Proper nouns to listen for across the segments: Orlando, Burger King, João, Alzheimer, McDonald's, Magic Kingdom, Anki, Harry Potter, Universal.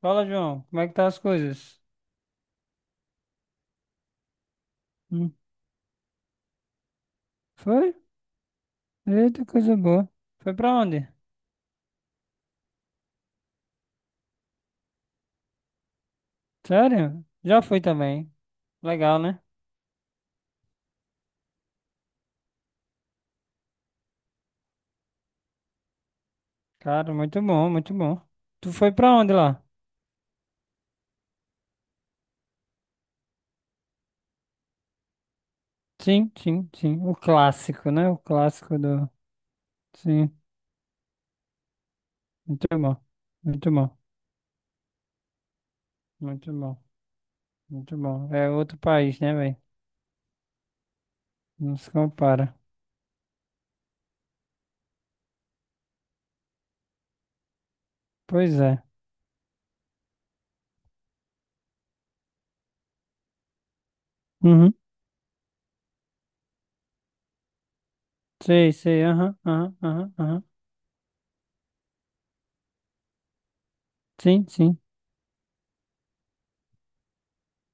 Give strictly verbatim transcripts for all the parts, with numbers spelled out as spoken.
Fala, João. Como é que tá as coisas? Hum, Foi? Eita, coisa boa. Foi pra onde? Sério? Já fui também. Legal, né? Cara, muito bom, muito bom. Tu foi pra onde lá? Sim, sim, sim. O clássico, né? O clássico do... Sim. Muito bom. Muito bom. Muito bom. Muito bom. É outro país, né, velho? Não se compara. Pois é. Uhum. Sei, sei. Aham, aham, aham, aham. Sim, sim.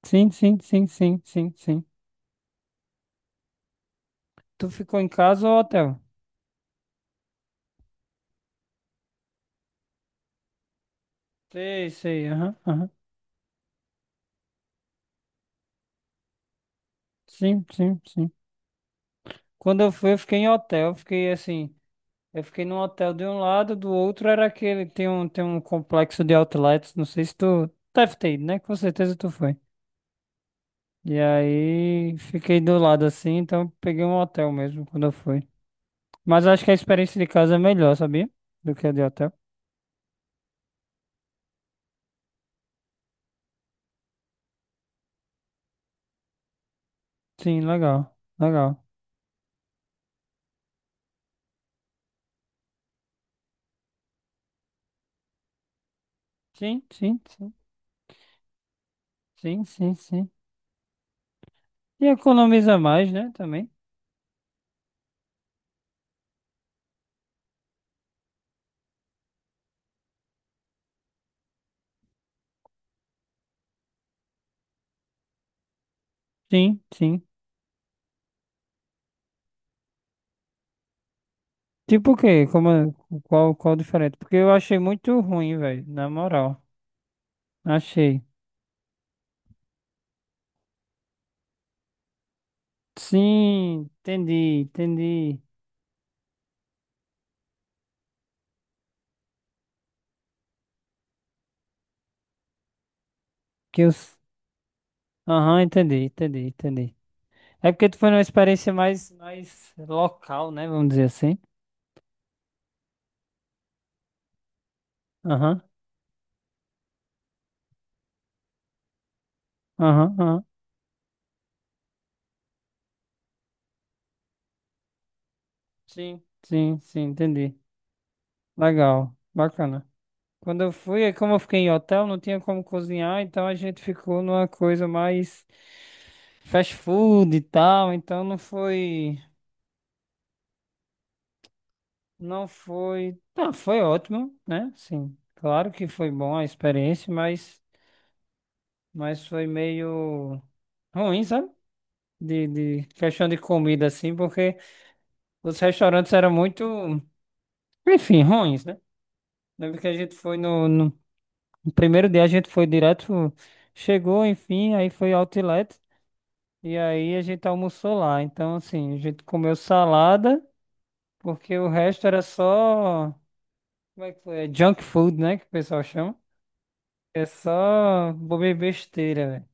Sim, sim, sim, sim, sim, sim. Tu ficou em casa ou hotel? Sei, sei, aham, aham. Sim, sim, sim. Quando eu fui, eu fiquei em hotel, eu fiquei assim, eu fiquei num hotel de um lado, do outro era aquele, tem um, tem um, complexo de outlets, não sei se tu deve ter ido, né? Com certeza tu foi. E aí, fiquei do lado assim, então peguei um hotel mesmo quando eu fui. Mas acho que a experiência de casa é melhor, sabia? Do que a de hotel. Sim, legal, legal. Sim, sim, sim, sim, sim, sim. E economiza mais, né, também. Sim, sim. Tipo o quê? Como, é- qual, qual, diferente? Porque eu achei muito ruim, velho. Na moral. Achei. Sim, entendi, entendi. Que eu... s- Aham, entendi, entendi, entendi. É porque tu foi numa experiência mais, mais local, né? Vamos dizer assim. Aham, aham, aham. Sim, sim, sim, entendi. Legal, bacana. Quando eu fui, aí como eu fiquei em hotel, não tinha como cozinhar, então a gente ficou numa coisa mais fast food e tal, então não foi. Não foi. Não, foi ótimo, né? Sim. Claro que foi bom a experiência, mas, mas foi meio ruim, sabe? De, de questão de comida, assim, porque os restaurantes eram muito, enfim, ruins, né? Lembro que a gente foi no, no no primeiro dia, a gente foi direto, chegou, enfim, aí foi outlet, e aí a gente almoçou lá. Então, assim, a gente comeu salada, porque o resto era só, como é que foi? É junk food, né? Que o pessoal chama. Eu só bobeira besteira, velho.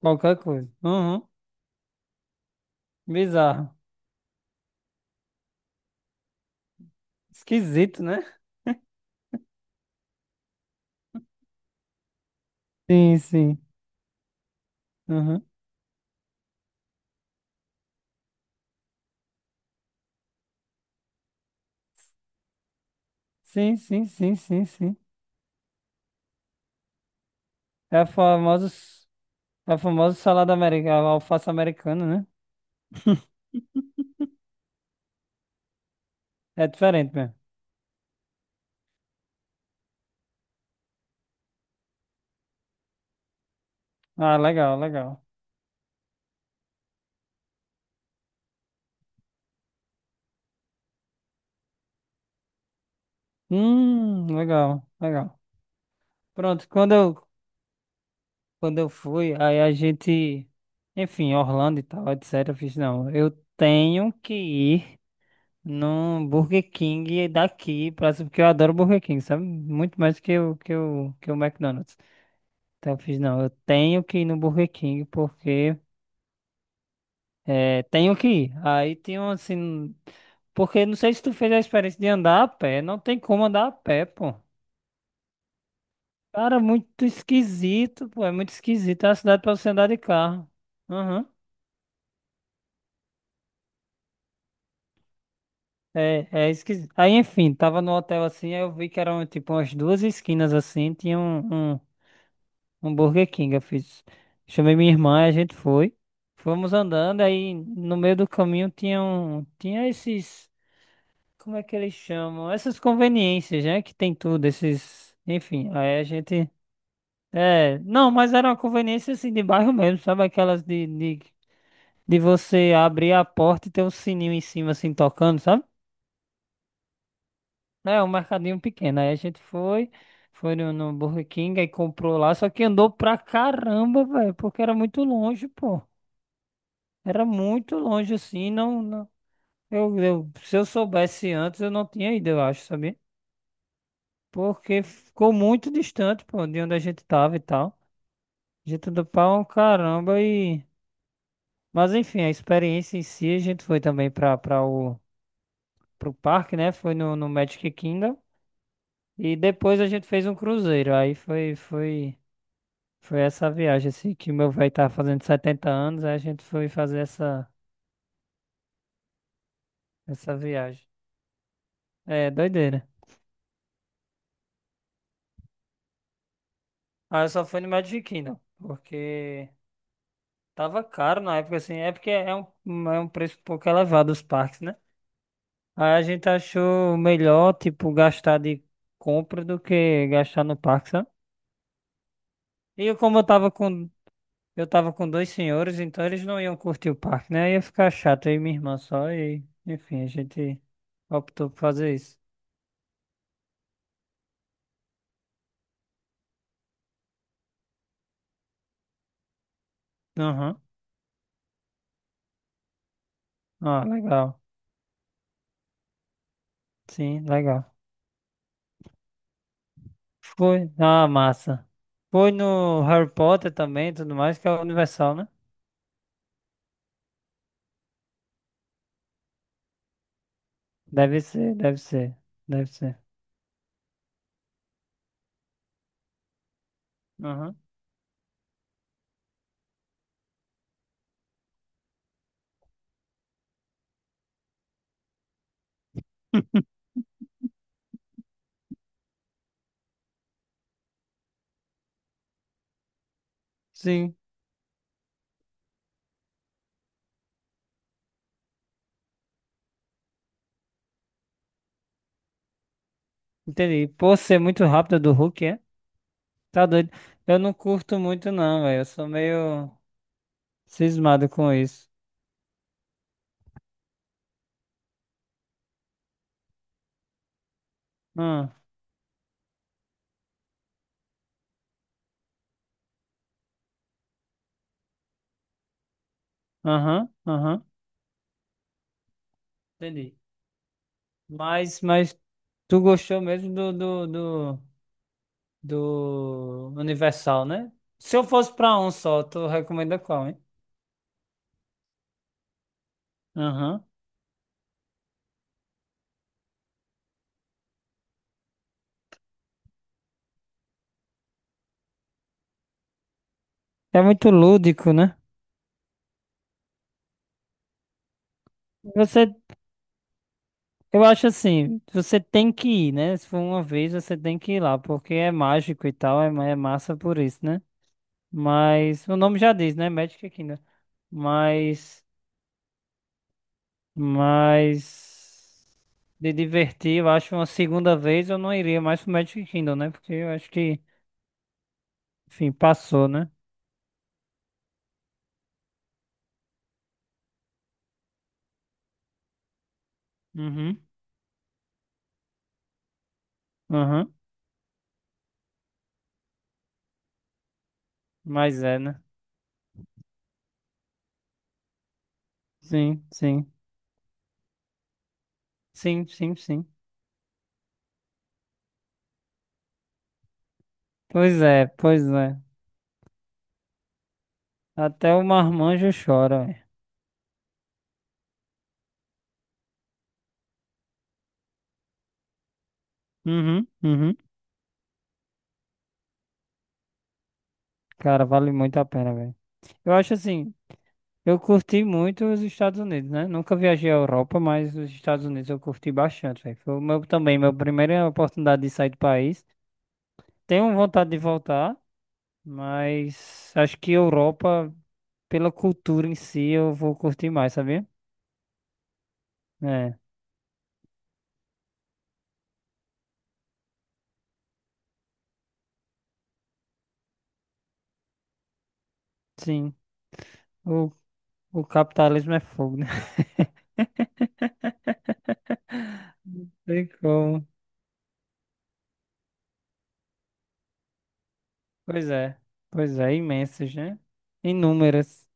Qualquer coisa. Uhum. Bizarro. Esquisito, né? Sim, sim. Uhum. Sim, sim, sim, sim, sim. É a famosa, é a famosa, salada americana, alface americana, né? É diferente mesmo. Ah, legal, legal. Hum, legal, legal. Pronto, quando eu, quando eu fui, aí a gente, enfim, Orlando e tal, etcétera. Eu fiz, não, eu tenho que ir. Num Burger King daqui, pra, porque eu adoro Burger King, sabe? Muito mais que o, que o, que o McDonald's. Então eu fiz, não, eu tenho que ir no Burger King porque é, tenho que ir. Aí tem um assim. Porque não sei se tu fez a experiência de andar a pé, não tem como andar a pé, pô. Cara, muito esquisito, pô, é muito esquisito. É a cidade pra você andar de carro. Aham. É, é esquisito. Aí, enfim, tava no hotel assim, aí eu vi que eram tipo umas duas esquinas assim, tinha um, um- Um Burger King, eu fiz. Chamei minha irmã, a gente foi. Fomos andando, aí no meio do caminho tinha um, tinha esses, como é que eles chamam? Essas conveniências, né? Que tem tudo, esses, enfim, aí a gente, é, não, mas era uma conveniência assim de bairro mesmo, sabe? Aquelas de, de, de, você abrir a porta e ter um sininho em cima assim tocando, sabe? É, um mercadinho pequeno. Aí a gente foi, foi, no, no Burger King, aí comprou lá, só que andou pra caramba, velho, porque era muito longe, pô. Era muito longe assim, não, não. Eu, eu- se eu soubesse antes, eu não tinha ido, eu acho, sabia? Porque ficou muito distante, pô, de onde a gente tava e tal. A gente andou pra um caramba e... Mas enfim, a experiência em si, a gente foi também pra, pra o, pro parque, né? Foi no, no, Magic Kingdom. E depois a gente fez um cruzeiro. Aí foi, foi, foi essa viagem, assim, que meu velho tava fazendo setenta anos, aí a gente foi fazer essa, essa, viagem. É, doideira. Ah, eu só fui no Magic Kingdom, porque tava caro na época, assim, é porque é um, é um preço um pouco elevado os parques, né? Aí a gente achou melhor, tipo, gastar de compra do que gastar no parque, sabe? E eu, como eu tava com, eu tava com dois senhores, então eles não iam curtir o parque, né? Ia ficar chato, aí minha irmã só, e enfim, a gente optou por fazer isso. Aham, ah, legal. Sim, legal. Foi, ah, massa. Foi no Harry Potter também, e tudo mais, que é o Universal, né? Deve ser, deve ser, deve ser. Aham. Sim, entendi. Por ser muito rápido do Hulk, é? Tá doido. Eu não curto muito, não, velho. Eu sou meio cismado com isso. Ah, aham, aham. Entendi. Mas, mas tu gostou mesmo do, do, do, do Universal, né? Se eu fosse pra um só, tu recomenda qual, hein? Aham. É muito lúdico, né? Você Eu acho assim, você tem que ir, né? Se for uma vez, você tem que ir lá, porque é mágico e tal, é, ma- é massa por isso, né? Mas o nome já diz, né? Magic Kingdom. Mas, mas de divertir, eu acho uma segunda vez eu não iria mais pro Magic Kingdom, né? Porque eu acho que, enfim, passou, né? Uhum, uhum. Mas é, né? Sim, sim, sim, sim, sim. Pois é, pois é. Até o marmanjo chora, ué. Uhum, uhum. Cara, vale muito a pena, velho. Eu acho assim, eu curti muito os Estados Unidos, né? Nunca viajei à Europa, mas os Estados Unidos eu curti bastante, velho. Foi o meu também, minha primeira oportunidade de sair do país. Tenho vontade de voltar, mas acho que Europa, pela cultura em si, eu vou curtir mais, sabia? É, sim. O, o capitalismo é fogo, né? Não tem como. Pois é. Pois é, imensas, né? Inúmeras.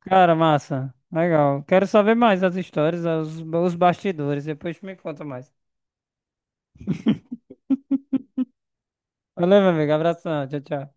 Cara, massa. Legal. Quero saber mais as histórias, os, os bastidores. Depois tu me conta mais. Valeu, meu amigo. Abração. Tchau, tchau.